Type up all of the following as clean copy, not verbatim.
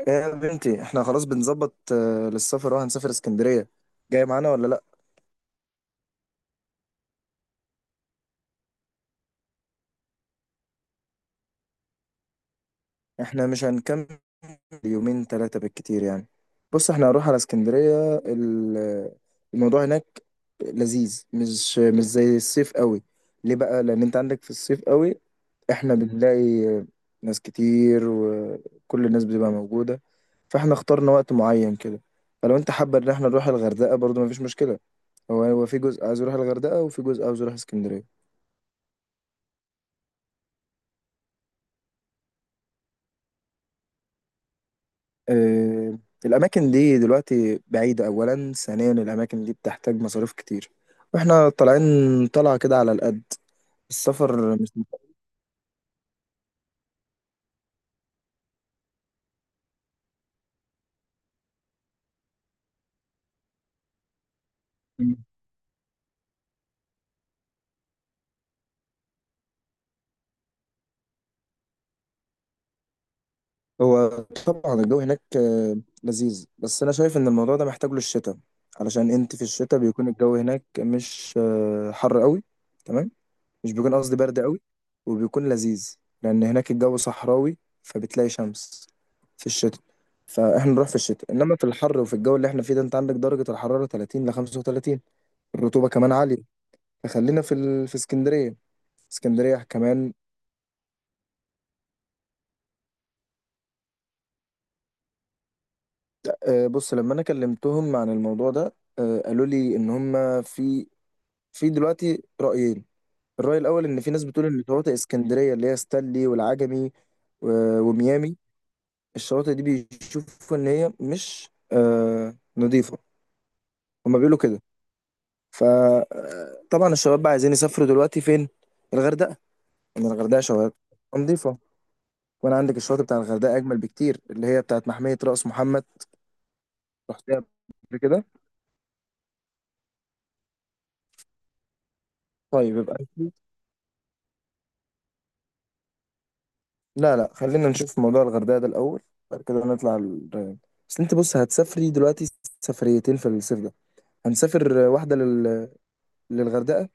ايه يا بنتي، احنا خلاص بنظبط للسفر. اه هنسافر اسكندرية. جاي معانا ولا لا؟ احنا مش هنكمل، يومين ثلاثة بالكتير يعني. بص، احنا هنروح على اسكندرية الموضوع هناك لذيذ، مش زي الصيف قوي. ليه بقى؟ لان انت عندك في الصيف قوي احنا بنلاقي ناس كتير، وكل الناس بتبقى موجودة، فاحنا اخترنا وقت معين كده. فلو انت حابب ان احنا نروح الغردقة برضو مفيش مشكلة. هو في جزء عايز يروح الغردقة وفي جزء عايز يروح اسكندرية. آه، الأماكن دي دلوقتي بعيدة، أولا. ثانيا، الأماكن دي بتحتاج مصاريف كتير، وإحنا طالعين طلعة كده على القد. السفر مش متأكد. هو طبعا الجو هناك لذيذ، بس أنا شايف إن الموضوع ده محتاج له الشتاء. علشان أنت في الشتاء بيكون الجو هناك مش حر قوي. تمام. مش بيكون قصدي، برد قوي وبيكون لذيذ، لان هناك الجو صحراوي فبتلاقي شمس في الشتاء. فاحنا نروح في الشتاء، انما في الحر وفي الجو اللي احنا فيه ده انت عندك درجة الحرارة 30 ل 35. الرطوبة كمان عالية، فخلينا في اسكندرية. اسكندرية كمان. بص، لما انا كلمتهم عن الموضوع ده قالوا لي ان هم في، في دلوقتي رأيين. الرأي الاول ان في ناس بتقول ان شواطئ اسكندرية اللي هي ستانلي والعجمي وميامي، الشواطئ دي بيشوفوا ان هي مش نظيفه، هما بيقولوا كده. فطبعا الشباب بقى عايزين يسافروا دلوقتي فين؟ الغردقه. ان الغردقه شواطئ نظيفه. وانا عندك الشواطئ بتاع الغردقه اجمل بكتير، اللي هي بتاعت محميه راس محمد. رحتها قبل كده؟ طيب يبقى أكيد. لا لا، خلينا نشوف موضوع الغردقه ده الاول، بعد كده نطلع الريان. بس انت بص، هتسافري دلوقتي سفريتين في الصيف ده. هنسافر واحده للغردقه،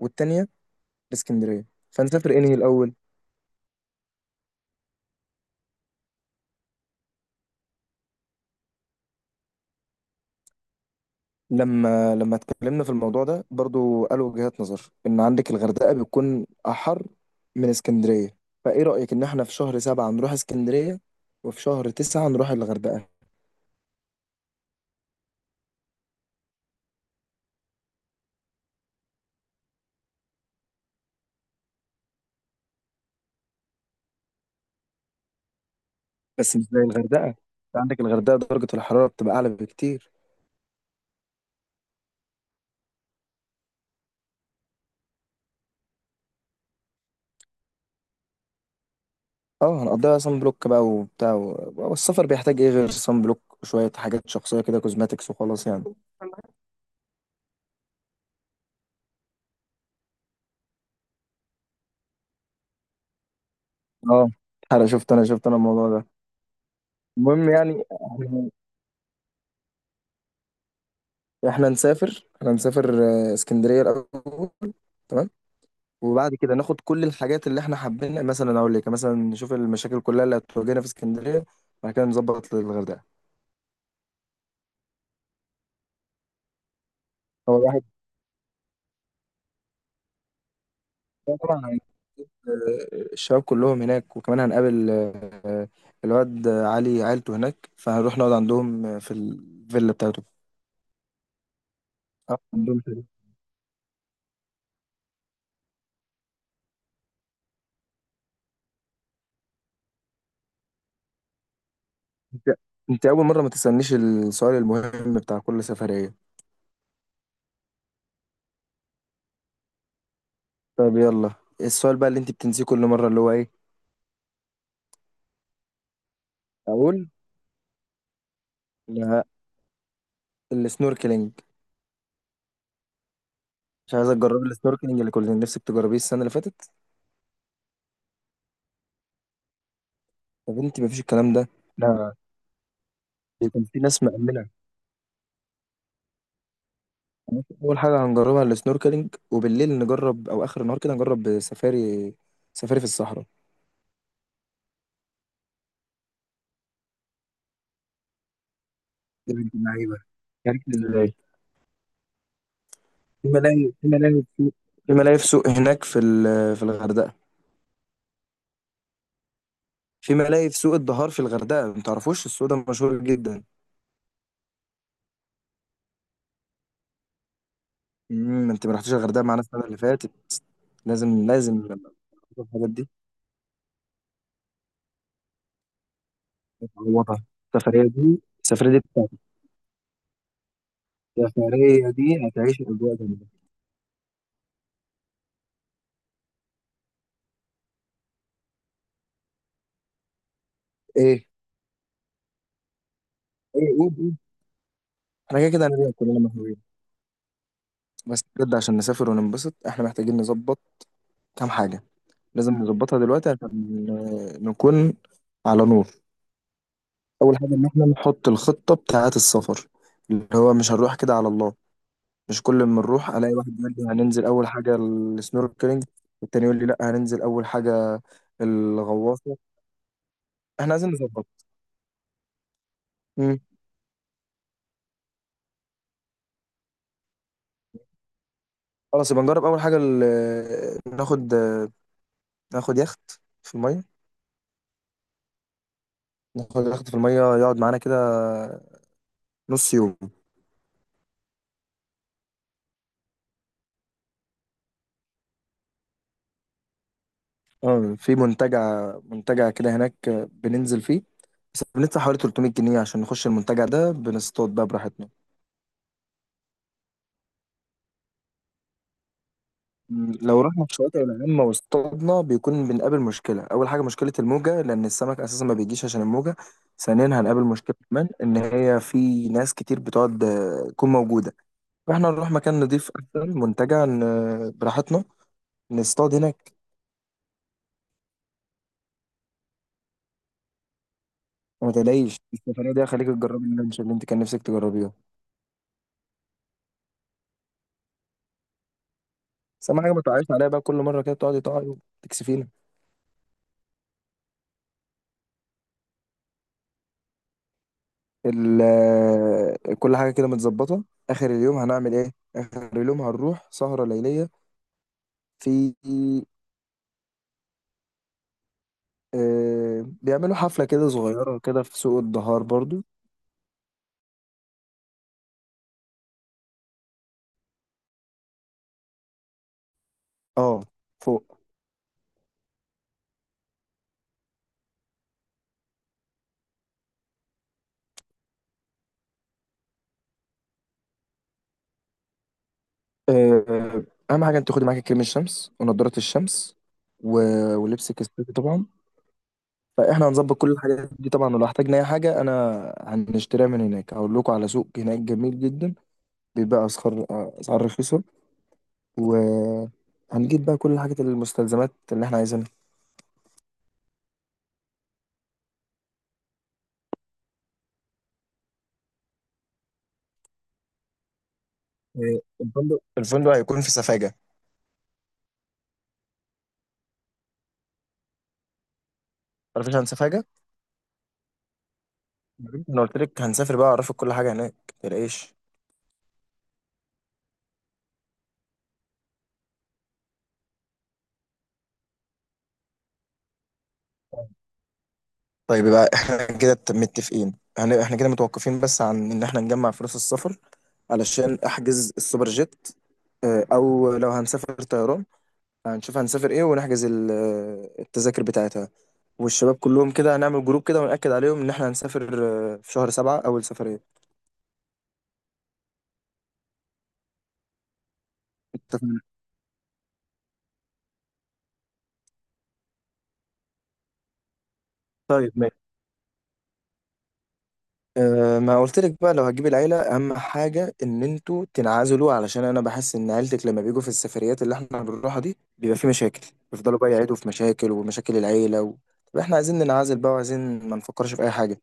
والتانيه لاسكندريه. فهنسافر انهي الاول؟ لما اتكلمنا في الموضوع ده برضو قالوا وجهات نظر ان عندك الغردقة بتكون احر من اسكندرية. فايه رأيك ان احنا في شهر سبعة نروح اسكندرية، وفي شهر تسعة نروح الغردقة؟ بس مش زي الغردقة، انت عندك الغردقة درجة الحرارة بتبقى اعلى بكتير. اه، هنقضيها صن بلوك بقى وبتاع والسفر بيحتاج ايه غير صن بلوك وشوية حاجات شخصية كده، كوزماتكس وخلاص يعني. اه انا شفت انا الموضوع ده، المهم يعني احنا نسافر اسكندرية الاول. تمام. وبعد كده ناخد كل الحاجات اللي احنا حابين، مثلا اقول لك مثلا نشوف المشاكل كلها اللي هتواجهنا في اسكندريه، بعد كده نظبط للغردقه. هو الواحد. طبعا الشباب كلهم هناك، وكمان هنقابل الواد علي عيلته هناك فهنروح نقعد عندهم في الفيلا بتاعته. عندهم انت انت اول مره ما تسالنيش السؤال المهم بتاع كل سفريه. طب يلا، السؤال بقى اللي انت بتنسيه كل مره اللي هو ايه؟ اقول؟ لا. السنوركلينج. مش عايزه تجربي السنوركلينج اللي كنت نفسك تجربيه السنه اللي فاتت؟ يا بنتي، مفيش الكلام ده. لا، ده كان في ناس مأمنة. أول حاجة هنجربها السنوركلينج، وبالليل نجرب أو آخر النهار كده نجرب سفاري، سفاري في الصحراء. يا بنت اللعيبة، عرفت ازاي؟ في ملاهي في ملاهي في في سوق هناك في الغردقة. في ملاهي في سوق الدهار في الغردقة، ما تعرفوش السوق ده مشهور جدا؟ انت ما رحتيش الغردقة معانا السنة اللي فاتت. لازم لازم الحاجات دي تعوضها. السفرية دي، السفرية دي بتاعتك، السفرية دي هتعيش الأجواء جامدة. ايه؟ ايه، قول. احنا كده كده هنبقى كلنا مهووسين. بس بجد عشان نسافر وننبسط احنا محتاجين نظبط كام حاجة، لازم نظبطها دلوقتي عشان نكون على نور. اول حاجة ان احنا نحط الخطة بتاعة السفر، اللي هو مش هنروح كده على الله. مش كل ما نروح الاقي واحد يقول لي هننزل اول حاجة السنوركلينج، والتاني يقول لي لا هننزل اول حاجة الغواصة. احنا عايزين نظبط. امم، خلاص يبقى نجرب اول حاجة ناخد يخت في المية. ناخد يخت في المية يقعد معانا كده نص يوم. اه، في منتجع كده هناك بننزل فيه، بس بندفع حوالي 300 جنيه عشان نخش المنتجع ده، بنصطاد بقى براحتنا. لو رحنا في شواطئ العامة واصطادنا بيكون بنقابل مشكلة، أول حاجة مشكلة الموجة لأن السمك أساسا ما بيجيش عشان الموجة. ثانيا، هنقابل مشكلة كمان إن هي في ناس كتير بتقعد تكون موجودة. فإحنا نروح مكان نضيف أحسن منتجع براحتنا، نصطاد هناك. وما تلاقيش السفرية دي هخليك تجربي اللانش اللي أنت كان نفسك تجربيها. بس اهم حاجه ما تقعيش عليها بقى، كل مره كده بتقعدي تقعي وتكسفينا. كل حاجه كده متظبطه. اخر اليوم هنعمل ايه؟ اخر اليوم هنروح سهره ليليه في آه بيعملوا حفله كده صغيره كده في سوق الدهار برضو. اه، فوق. آه اهم حاجه انت خدي معاكي كريم الشمس ونضاره الشمس و... ولبسك الصيفي طبعا. فاحنا هنظبط كل الحاجات دي طبعا، ولو احتاجنا اي حاجه انا هنشتريها من هناك، هقول لكم على سوق هناك جميل جدا، بيبقى اسعار اسعار رخيصه، وهنجيب بقى كل الحاجات المستلزمات اللي احنا عايزينها. إيه، الفندق هيكون في سفاجة. تعرفيش عن سفاجة؟ مم. انا قلت لك هنسافر بقى اعرفك كل حاجة هناك متقلقيش. طيب يبقى احنا كده متفقين. احنا كده متوقفين بس عن ان احنا نجمع فلوس السفر علشان احجز السوبر جيت، او لو هنسافر طيران هنشوف هنسافر ايه، ونحجز التذاكر بتاعتها. والشباب كلهم كده هنعمل جروب كده ونأكد عليهم ان احنا هنسافر في شهر سبعة اول سفرية. اتفقنا. طيب ماشي. أه، ما قلت لك بقى لو هتجيب العيلة أهم حاجة إن أنتوا تنعزلوا، علشان أنا بحس إن عيلتك لما بيجوا في السفريات اللي إحنا بنروحها دي بيبقى في مشاكل. بيفضلوا بقى يعيدوا في مشاكل، ومشاكل العيلة طب إحنا عايزين ننعزل بقى وعايزين ما نفكرش في أي حاجة.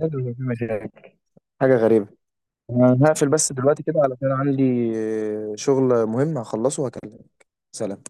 لازم يبقى في مشاكل. حاجة غريبة. أنا هقفل بس دلوقتي كده علشان عندي شغل مهم هخلصه، وهكلمك. سلام.